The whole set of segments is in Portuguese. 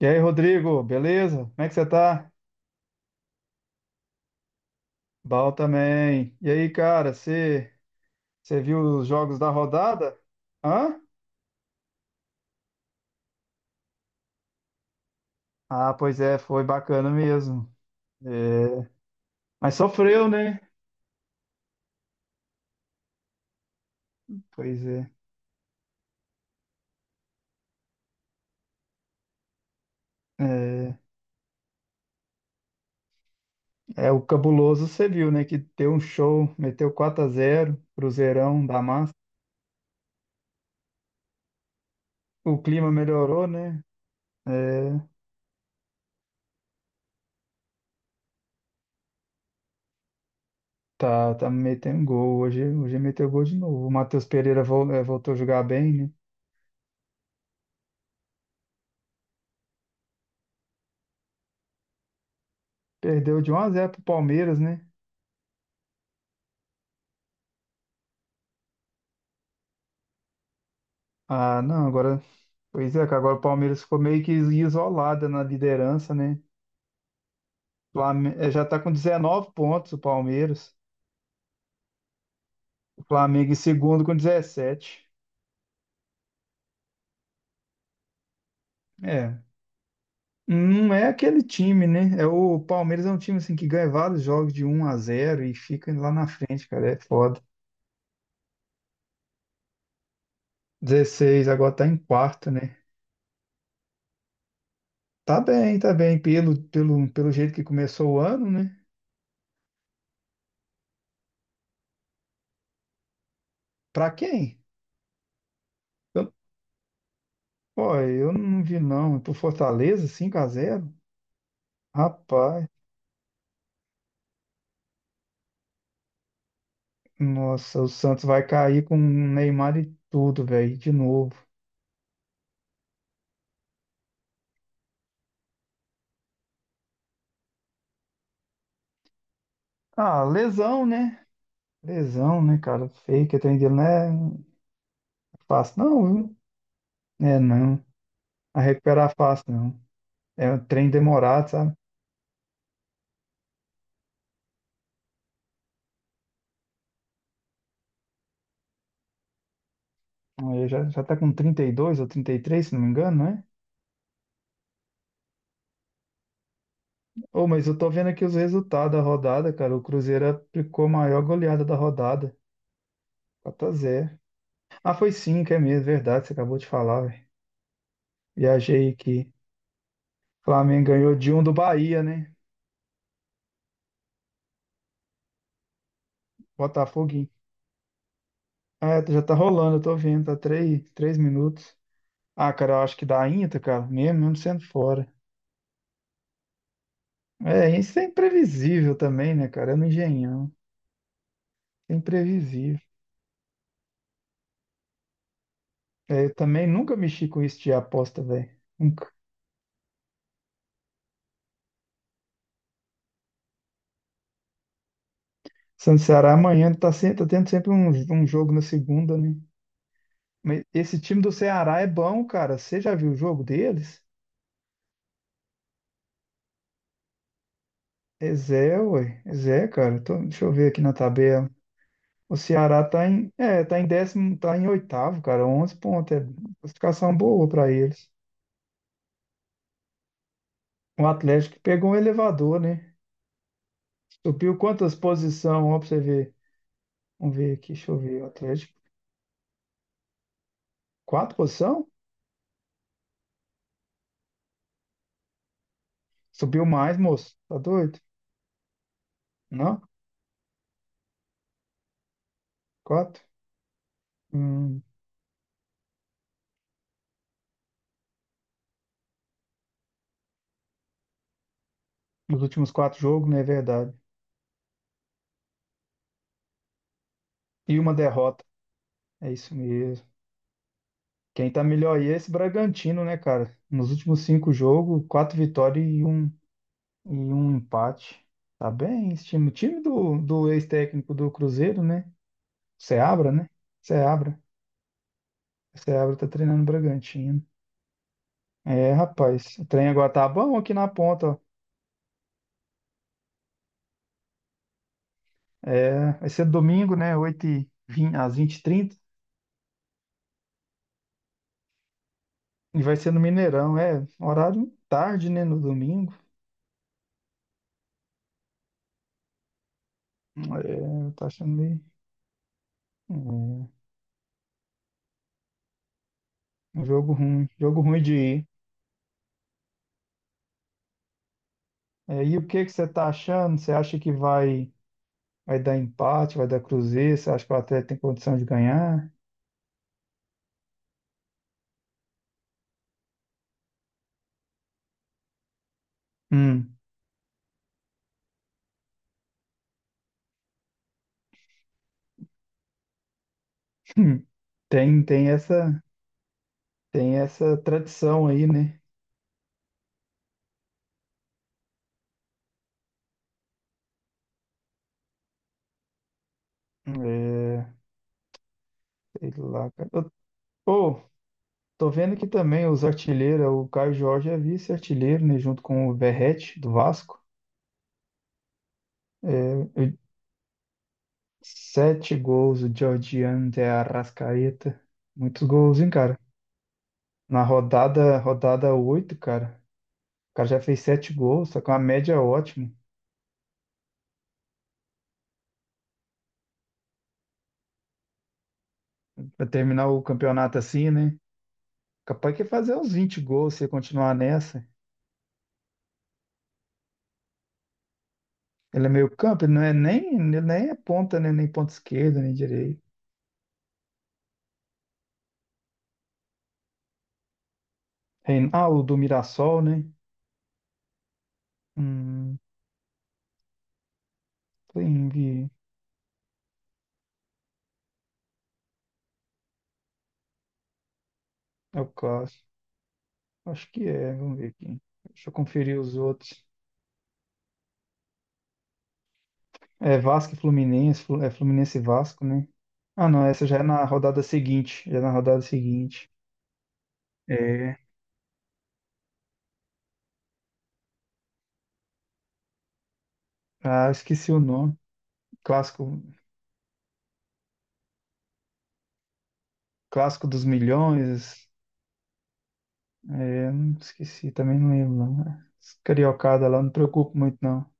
E aí, Rodrigo, beleza? Como é que você tá? Bal também. E aí, cara, você viu os jogos da rodada? Hã? Ah, pois é, foi bacana mesmo. É, mas sofreu, né? Pois é. É, é o cabuloso, você viu, né? Que deu um show, meteu 4x0, Cruzeirão da massa. O clima melhorou, né? É, tá metendo gol. Hoje meteu gol de novo. O Matheus Pereira voltou a jogar bem, né? Perdeu de 1x0 pro Palmeiras, né? Ah, não, agora. Pois é, cara, agora o Palmeiras ficou meio que isolada na liderança, né? Já tá com 19 pontos o Palmeiras. O Flamengo em segundo com 17. É. Não é aquele time, né? É o Palmeiras é um time assim que ganha vários jogos de um a zero e fica lá na frente, cara. É foda. 16 agora tá em quarto, né? Tá bem, tá bem. Pelo jeito que começou o ano, né? Pra quem? Eu, eu não vi não. Pro Fortaleza, 5-0. Rapaz. Nossa, o Santos vai cair com o Neymar e tudo, velho, de novo. Ah, lesão, né? Lesão, né, cara? Feio que tem dele não é fácil, não, viu? É, não. A recuperar fácil, não. É um trem demorado, sabe? Ele já tá com 32 ou 33, se não me engano, não é? Ô, mas eu tô vendo aqui os resultados da rodada, cara. O Cruzeiro aplicou a maior goleada da rodada. 4-0. Ah, foi 5, é mesmo, verdade. Você acabou de falar, velho. Viajei aqui. Flamengo ganhou de um do Bahia, né? Botafogo. É, já tá rolando, eu tô vendo, tá três minutos. Ah, cara, eu acho que dá Inter, cara, mesmo, mesmo sendo fora. É, isso é imprevisível também, né, cara? É no Engenhão. É imprevisível. É, eu também nunca mexi com isso de aposta, velho. Nunca. Santos e Ceará amanhã tá, tá tendo sempre um jogo na segunda, né? Mas esse time do Ceará é bom, cara. Você já viu o jogo deles? É Zé, ué. É Zé, cara. Deixa eu ver aqui na tabela. O Ceará tá em, é, tá em décimo, tá em oitavo, cara, 11 pontos. É classificação boa para eles. O Atlético pegou um elevador, né? Subiu quantas posições? Ó, pra você ver. Vamos ver aqui, deixa eu ver. O Atlético, quatro posição? Subiu mais, moço. Tá doido? Não? Quatro? Hum, os últimos quatro jogos, não é verdade. E uma derrota. É isso mesmo. Quem tá melhor aí é esse Bragantino, né, cara? Nos últimos cinco jogos, quatro vitórias e um, e um empate. Tá bem, esse time. O time do ex-técnico do Cruzeiro, né? Seabra, né? Seabra. Seabra tá treinando o Bragantino. É, rapaz. O trem agora tá bom aqui na ponta, ó. É, vai ser domingo, né? Oito h 20 às 20h30. E trinta. E vai ser no Mineirão. É, horário tarde, né? No domingo. É, tá achando meio. É, um jogo ruim. Jogo ruim de ir. É, e o que que você tá achando? Você acha que vai. Vai dar empate, vai dar cruzeiro, você acha que o Atlético tem condição de ganhar? Hum. Tem, tem essa, tem essa tradição aí, né? É, sei lá, cara. Pô, tô vendo que também os artilheiros, o Caio Jorge é vice-artilheiro, né? Junto com o Verratti, do Vasco. É, eu- sete gols, o Georgian de Arrascaeta. Muitos gols, hein, cara? Na rodada oito, cara. O cara já fez sete gols, só com uma média ótima. Pra terminar o campeonato assim, né? Capaz que fazer uns 20 gols se continuar nessa. Ele é meio campo, ele não é nem, ele nem é ponta, né? Nem ponta esquerda, nem direita. Ah, o do Mirassol, né? Hum, Pling, é o Cássio. Acho que é, vamos ver aqui. Deixa eu conferir os outros. É Vasco e Fluminense, é Fluminense e Vasco, né? Ah, não, essa já é na rodada seguinte, já é na rodada seguinte. É, ah, esqueci o nome. Clássico, clássico dos milhões. É, não esqueci, também não lembro, não. Esse Cariocada lá, não preocupo muito, não.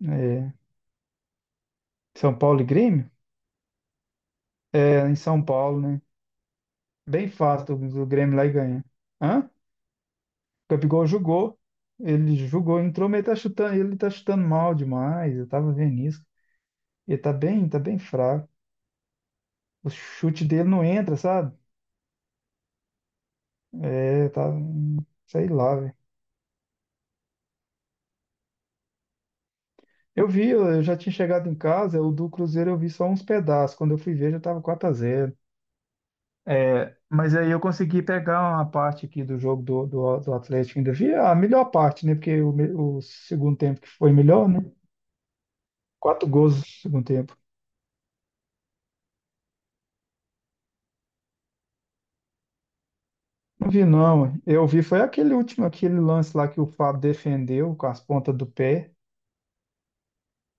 É, São Paulo e Grêmio? É, em São Paulo, né? Bem fácil Grêmio lá e ganha. Hã? O Gabigol jogou. Ele jogou, entrou, mas ele tá chutando mal demais. Eu tava vendo isso. Ele tá bem fraco. O chute dele não entra, sabe? É, tá. Sei lá, velho. Eu vi, eu já tinha chegado em casa, o do Cruzeiro eu vi só uns pedaços. Quando eu fui ver, já tava 4x0. É, mas aí eu consegui pegar uma parte aqui do jogo do Atlético, ainda vi a melhor parte, né? Porque o segundo tempo que foi melhor, né? Quatro gols no segundo tempo. Não vi, não. Eu vi, foi aquele último, aquele lance lá que o Fábio defendeu com as pontas do pé.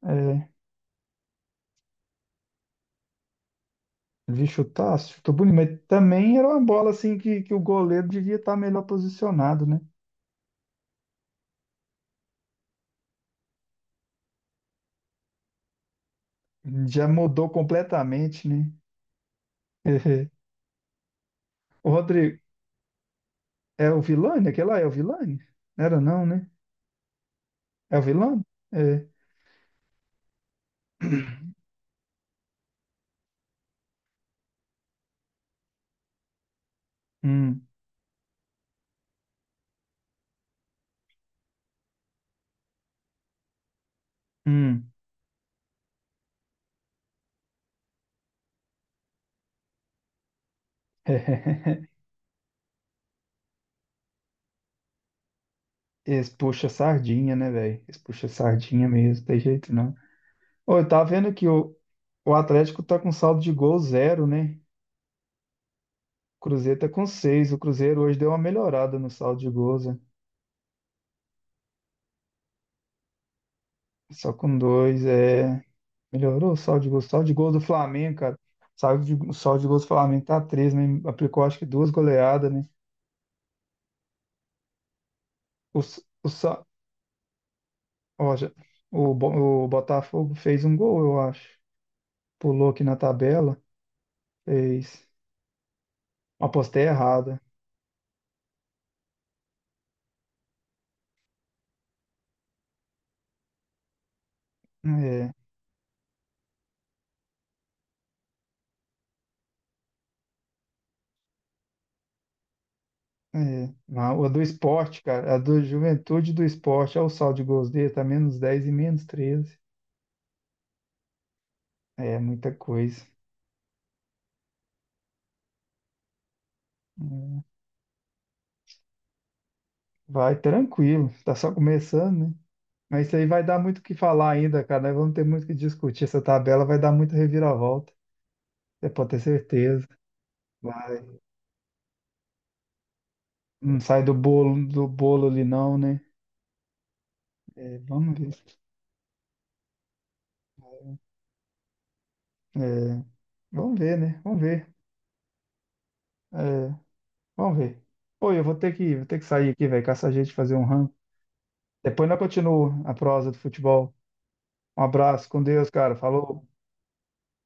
É, vi chutar, chutou bonito, mas também era uma bola assim que o goleiro devia estar melhor posicionado, né? Já mudou completamente, né? O Rodrigo, é o Vilani? Aquele lá é o Vilani? Era não, né? É o Vilani? Hum, hum. Eles puxam sardinha, né, velho? Eles puxam sardinha mesmo, tem jeito não. Ô, eu tava vendo que o Atlético tá com saldo de gol zero, né? O Cruzeiro tá com seis. O Cruzeiro hoje deu uma melhorada no saldo de gols, né? Só com dois, é. Melhorou o saldo de gols. O saldo de gols do Flamengo, cara. O saldo de gols do Flamengo tá três, né? Aplicou acho que duas goleadas, né? O, s- o, sa- ó, já- o, Bo- o Botafogo fez um gol, eu acho. Pulou aqui na tabela, fez. Apostei errado. É, é. Não, a do esporte, cara. A do Juventude do Esporte. Olha o saldo de gols dele. Tá -10 e -13. É muita coisa. Vai tranquilo. Tá só começando, né? Mas isso aí vai dar muito o que falar ainda, cara. Nós vamos ter muito o que discutir. Essa tabela vai dar muita reviravolta. Você pode ter certeza. Vai. Não sai do bolo ali, não, né? É, vamos ver. É, vamos ver, né? Vamos ver. É, vamos ver. Pô, eu vou ter que sair aqui, velho, com essa gente fazer um ranking. Depois nós continuamos a prosa do futebol. Um abraço, com Deus, cara. Falou.